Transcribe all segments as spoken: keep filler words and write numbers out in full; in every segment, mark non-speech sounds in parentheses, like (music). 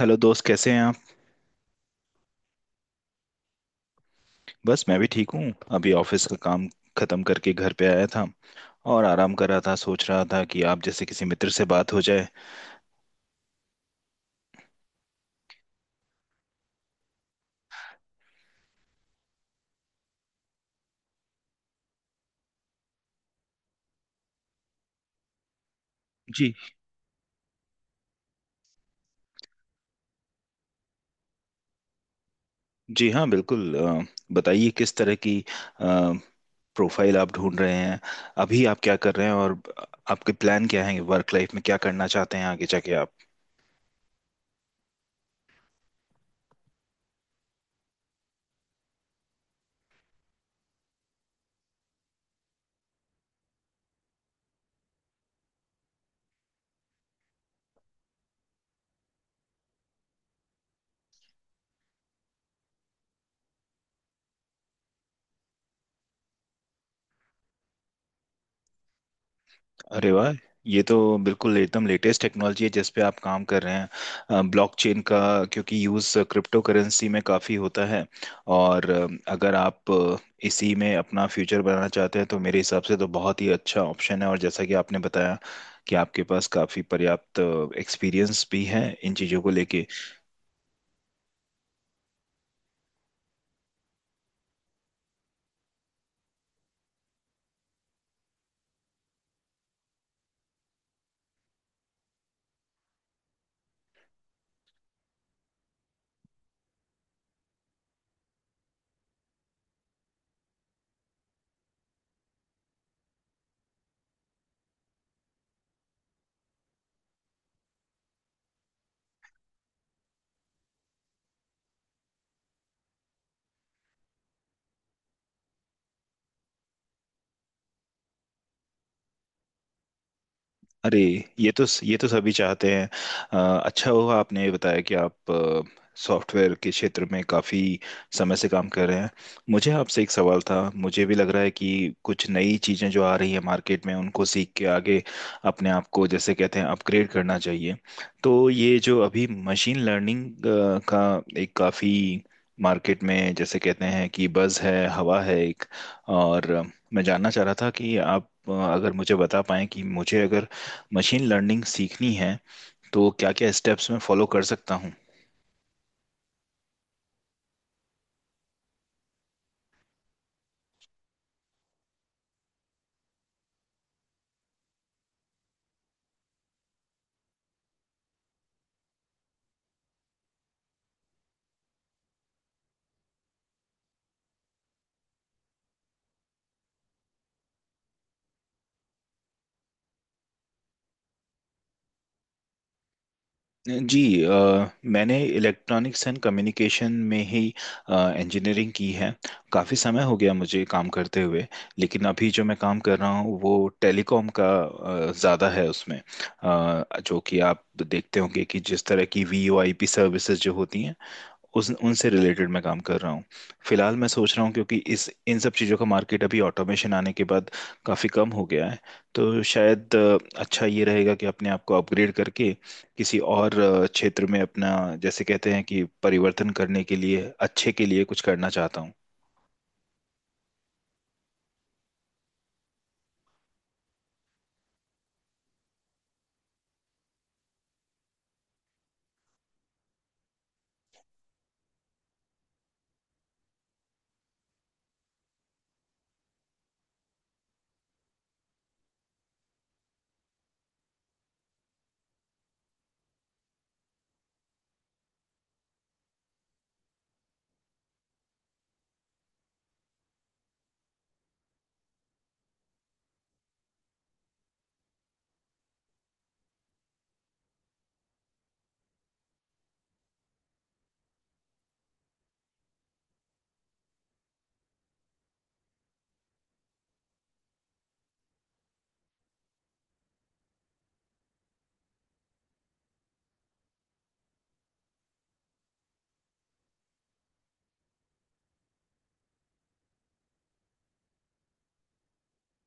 Hello दोस्त, कैसे हैं आप। बस मैं भी ठीक हूँ। अभी ऑफिस का काम खत्म करके घर पे आया था और आराम कर रहा था, सोच रहा था कि आप जैसे किसी मित्र से बात हो जाए। जी। जी हाँ, बिल्कुल। अ, बताइए किस तरह की प्रोफाइल आप ढूंढ रहे हैं, अभी आप क्या कर रहे हैं और आपके प्लान क्या हैं, वर्क लाइफ में क्या करना चाहते हैं आगे जाके आप। अरे वाह, ये तो बिल्कुल एकदम लेटेस्ट टेक्नोलॉजी है जिस पे आप काम कर रहे हैं, ब्लॉकचेन का। क्योंकि यूज़ क्रिप्टो करेंसी में काफ़ी होता है। और अ, अगर आप अ, इसी में अपना फ्यूचर बनाना चाहते हैं तो मेरे हिसाब से तो बहुत ही अच्छा ऑप्शन है। और जैसा कि आपने बताया कि आपके पास काफ़ी पर्याप्त एक्सपीरियंस भी है इन चीज़ों को लेके। अरे, ये तो ये तो सभी चाहते हैं। अ, अच्छा हुआ आपने ये बताया कि आप सॉफ्टवेयर के क्षेत्र में काफ़ी समय से काम कर रहे हैं। मुझे आपसे एक सवाल था। मुझे भी लग रहा है कि कुछ नई चीज़ें जो आ रही है मार्केट में उनको सीख के आगे अपने आप को, जैसे कहते हैं, अपग्रेड करना चाहिए। तो ये जो अभी मशीन लर्निंग का एक काफ़ी मार्केट में, जैसे कहते हैं कि बज़ है, हवा है एक। और अ, मैं जानना चाह रहा था कि आप, अ, अगर मुझे बता पाएं कि मुझे अगर मशीन लर्निंग सीखनी है तो क्या क्या स्टेप्स मैं फॉलो कर सकता हूँ। जी, अ, मैंने इलेक्ट्रॉनिक्स एंड कम्युनिकेशन में ही इंजीनियरिंग की है। काफ़ी समय हो गया मुझे काम करते हुए, लेकिन अभी जो मैं काम कर रहा हूँ वो टेलीकॉम का ज़्यादा है। उसमें अ, जो कि आप देखते होंगे कि जिस तरह की V O I P services जो होती हैं उस उनसे रिलेटेड मैं काम कर रहा हूँ। फिलहाल मैं सोच रहा हूँ क्योंकि इस इन सब चीज़ों का मार्केट अभी ऑटोमेशन आने के बाद काफ़ी कम हो गया है। तो शायद अ, अच्छा ये रहेगा कि अपने आप को अपग्रेड करके किसी और अ, क्षेत्र में अपना, जैसे कहते हैं कि, परिवर्तन करने के लिए, अच्छे के लिए कुछ करना चाहता हूँ।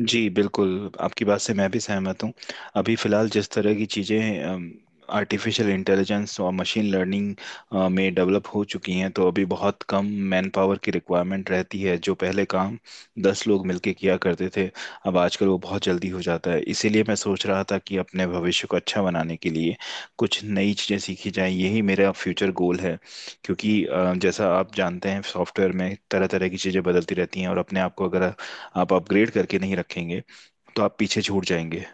जी बिल्कुल, आपकी बात से मैं भी सहमत हूँ। अभी फ़िलहाल जिस तरह की चीज़ें आर्टिफिशियल इंटेलिजेंस और मशीन लर्निंग में डेवलप हो चुकी हैं तो अभी बहुत कम मैन पावर की रिक्वायरमेंट रहती है। जो पहले काम दस लोग मिलके किया करते थे, अब आजकल वो बहुत जल्दी हो जाता है। इसीलिए मैं सोच रहा था कि अपने भविष्य को अच्छा बनाने के लिए कुछ नई चीज़ें सीखी जाएं, यही मेरा फ्यूचर गोल है। क्योंकि अ, जैसा आप जानते हैं सॉफ्टवेयर में तरह तरह की चीज़ें बदलती रहती हैं और अपने आप को अगर आप अपग्रेड करके नहीं रखेंगे तो आप पीछे छूट जाएंगे।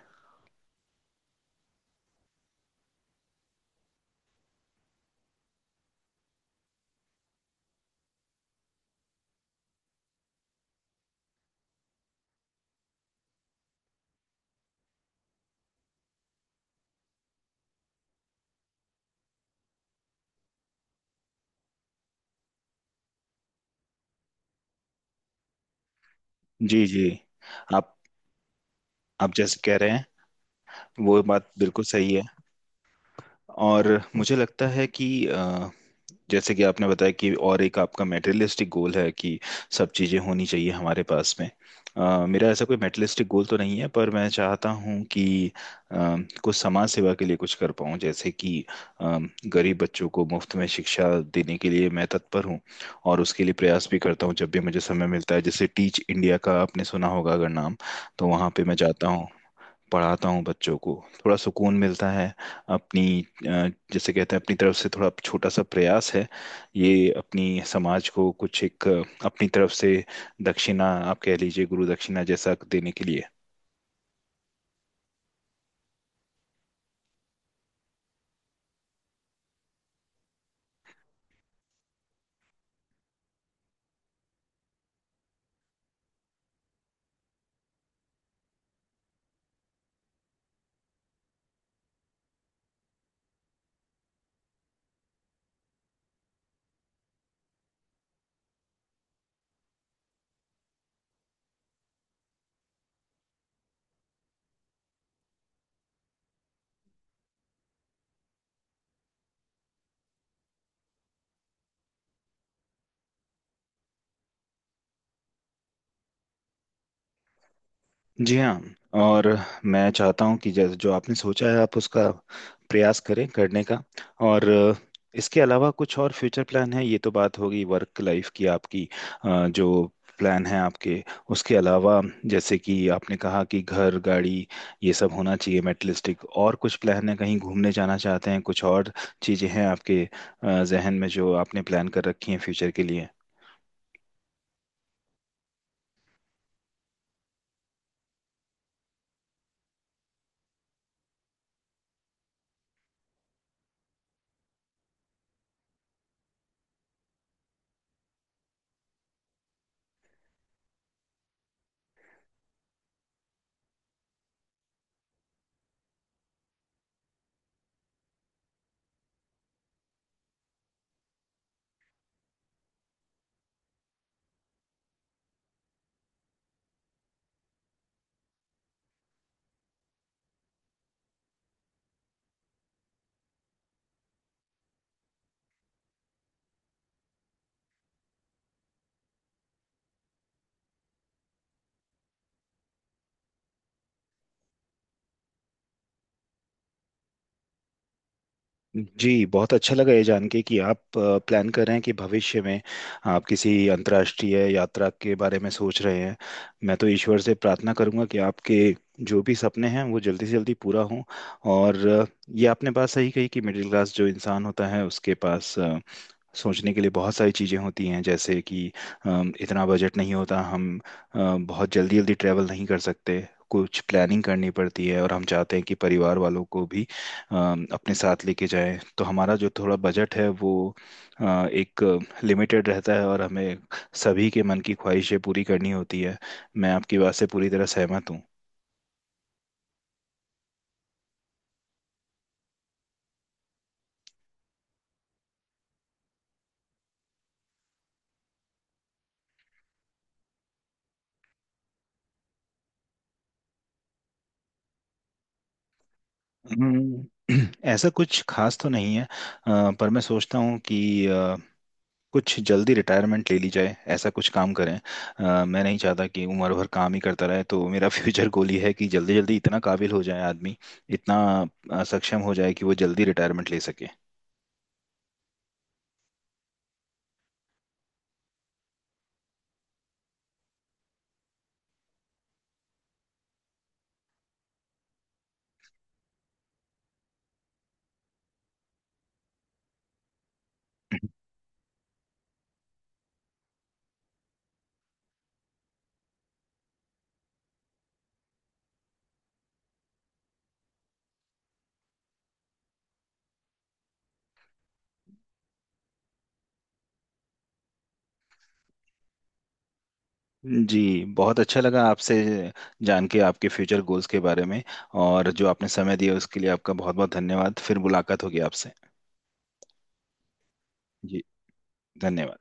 जी। जी। आप आप जैसे कह रहे हैं वो बात बिल्कुल सही है। और मुझे लगता है कि अ, जैसे कि आपने बताया कि और एक आपका मेटेरियलिस्टिक गोल है कि सब चीज़ें होनी चाहिए हमारे पास में। अ, मेरा ऐसा कोई मेटेरियलिस्टिक गोल तो नहीं है, पर मैं चाहता हूँ कि अ, कुछ समाज सेवा के लिए कुछ कर पाऊँ, जैसे कि अ, गरीब बच्चों को मुफ्त में शिक्षा देने के लिए मैं तत्पर हूँ। और उसके लिए प्रयास भी करता हूँ जब भी मुझे समय मिलता है। जैसे टीच इंडिया का आपने सुना होगा अगर नाम, तो वहाँ पे मैं जाता हूँ, पढ़ाता हूँ बच्चों को, थोड़ा सुकून मिलता है अपनी। अ, जैसे कहते हैं अपनी तरफ से थोड़ा छोटा सा प्रयास है ये, अपनी समाज को कुछ एक अ, अपनी तरफ से दक्षिणा आप कह लीजिए, गुरु दक्षिणा जैसा देने के लिए। जी हाँ। और मैं चाहता हूँ कि जैसे जो आपने सोचा है आप उसका प्रयास करें करने का। और इसके अलावा कुछ और फ्यूचर प्लान है? ये तो बात होगी वर्क लाइफ की आपकी, अ, जो प्लान है आपके, उसके अलावा, जैसे कि आपने कहा कि घर, गाड़ी ये सब होना चाहिए मेटलिस्टिक, और कुछ प्लान है? कहीं घूमने जाना चाहते हैं? कुछ और चीज़ें हैं आपके अ, जहन में जो आपने प्लान कर रखी हैं फ्यूचर के लिए? जी, बहुत अच्छा लगा ये जान के कि आप प्लान कर रहे हैं कि भविष्य में आप किसी अंतर्राष्ट्रीय यात्रा के बारे में सोच रहे हैं। मैं तो ईश्वर से प्रार्थना करूंगा कि आपके जो भी सपने हैं वो जल्दी से जल्दी पूरा हों। और अ, ये आपने बात सही कही कि मिडिल क्लास जो इंसान होता है उसके पास सोचने के लिए बहुत सारी चीज़ें होती हैं। जैसे कि अम, इतना बजट नहीं होता, हम अ, बहुत जल्दी जल्दी ट्रैवल नहीं कर सकते, कुछ प्लानिंग करनी पड़ती है। और हम चाहते हैं कि परिवार वालों को भी अम, अपने साथ लेके जाएं, तो हमारा जो थोड़ा बजट है वो अ, एक लिमिटेड रहता है, और हमें सभी के मन की ख्वाहिशें पूरी करनी होती है। मैं आपकी बात से पूरी तरह सहमत हूँ। हम्म, (clears throat) ऐसा कुछ खास तो नहीं है। अ, पर मैं सोचता हूँ कि कुछ जल्दी रिटायरमेंट ले ली जाए, ऐसा कुछ काम करें। अ, मैं नहीं चाहता कि उम्र भर काम ही करता रहे, तो मेरा (laughs) फ्यूचर गोल ये है कि जल्दी जल्दी इतना काबिल हो जाए आदमी, इतना अ, सक्षम हो जाए कि वो जल्दी रिटायरमेंट ले सके। जी, बहुत अच्छा लगा आपसे जान के आपके फ्यूचर गोल्स के बारे में। और जो आपने समय दिया उसके लिए आपका बहुत बहुत धन्यवाद। फिर मुलाकात होगी आपसे। जी, धन्यवाद।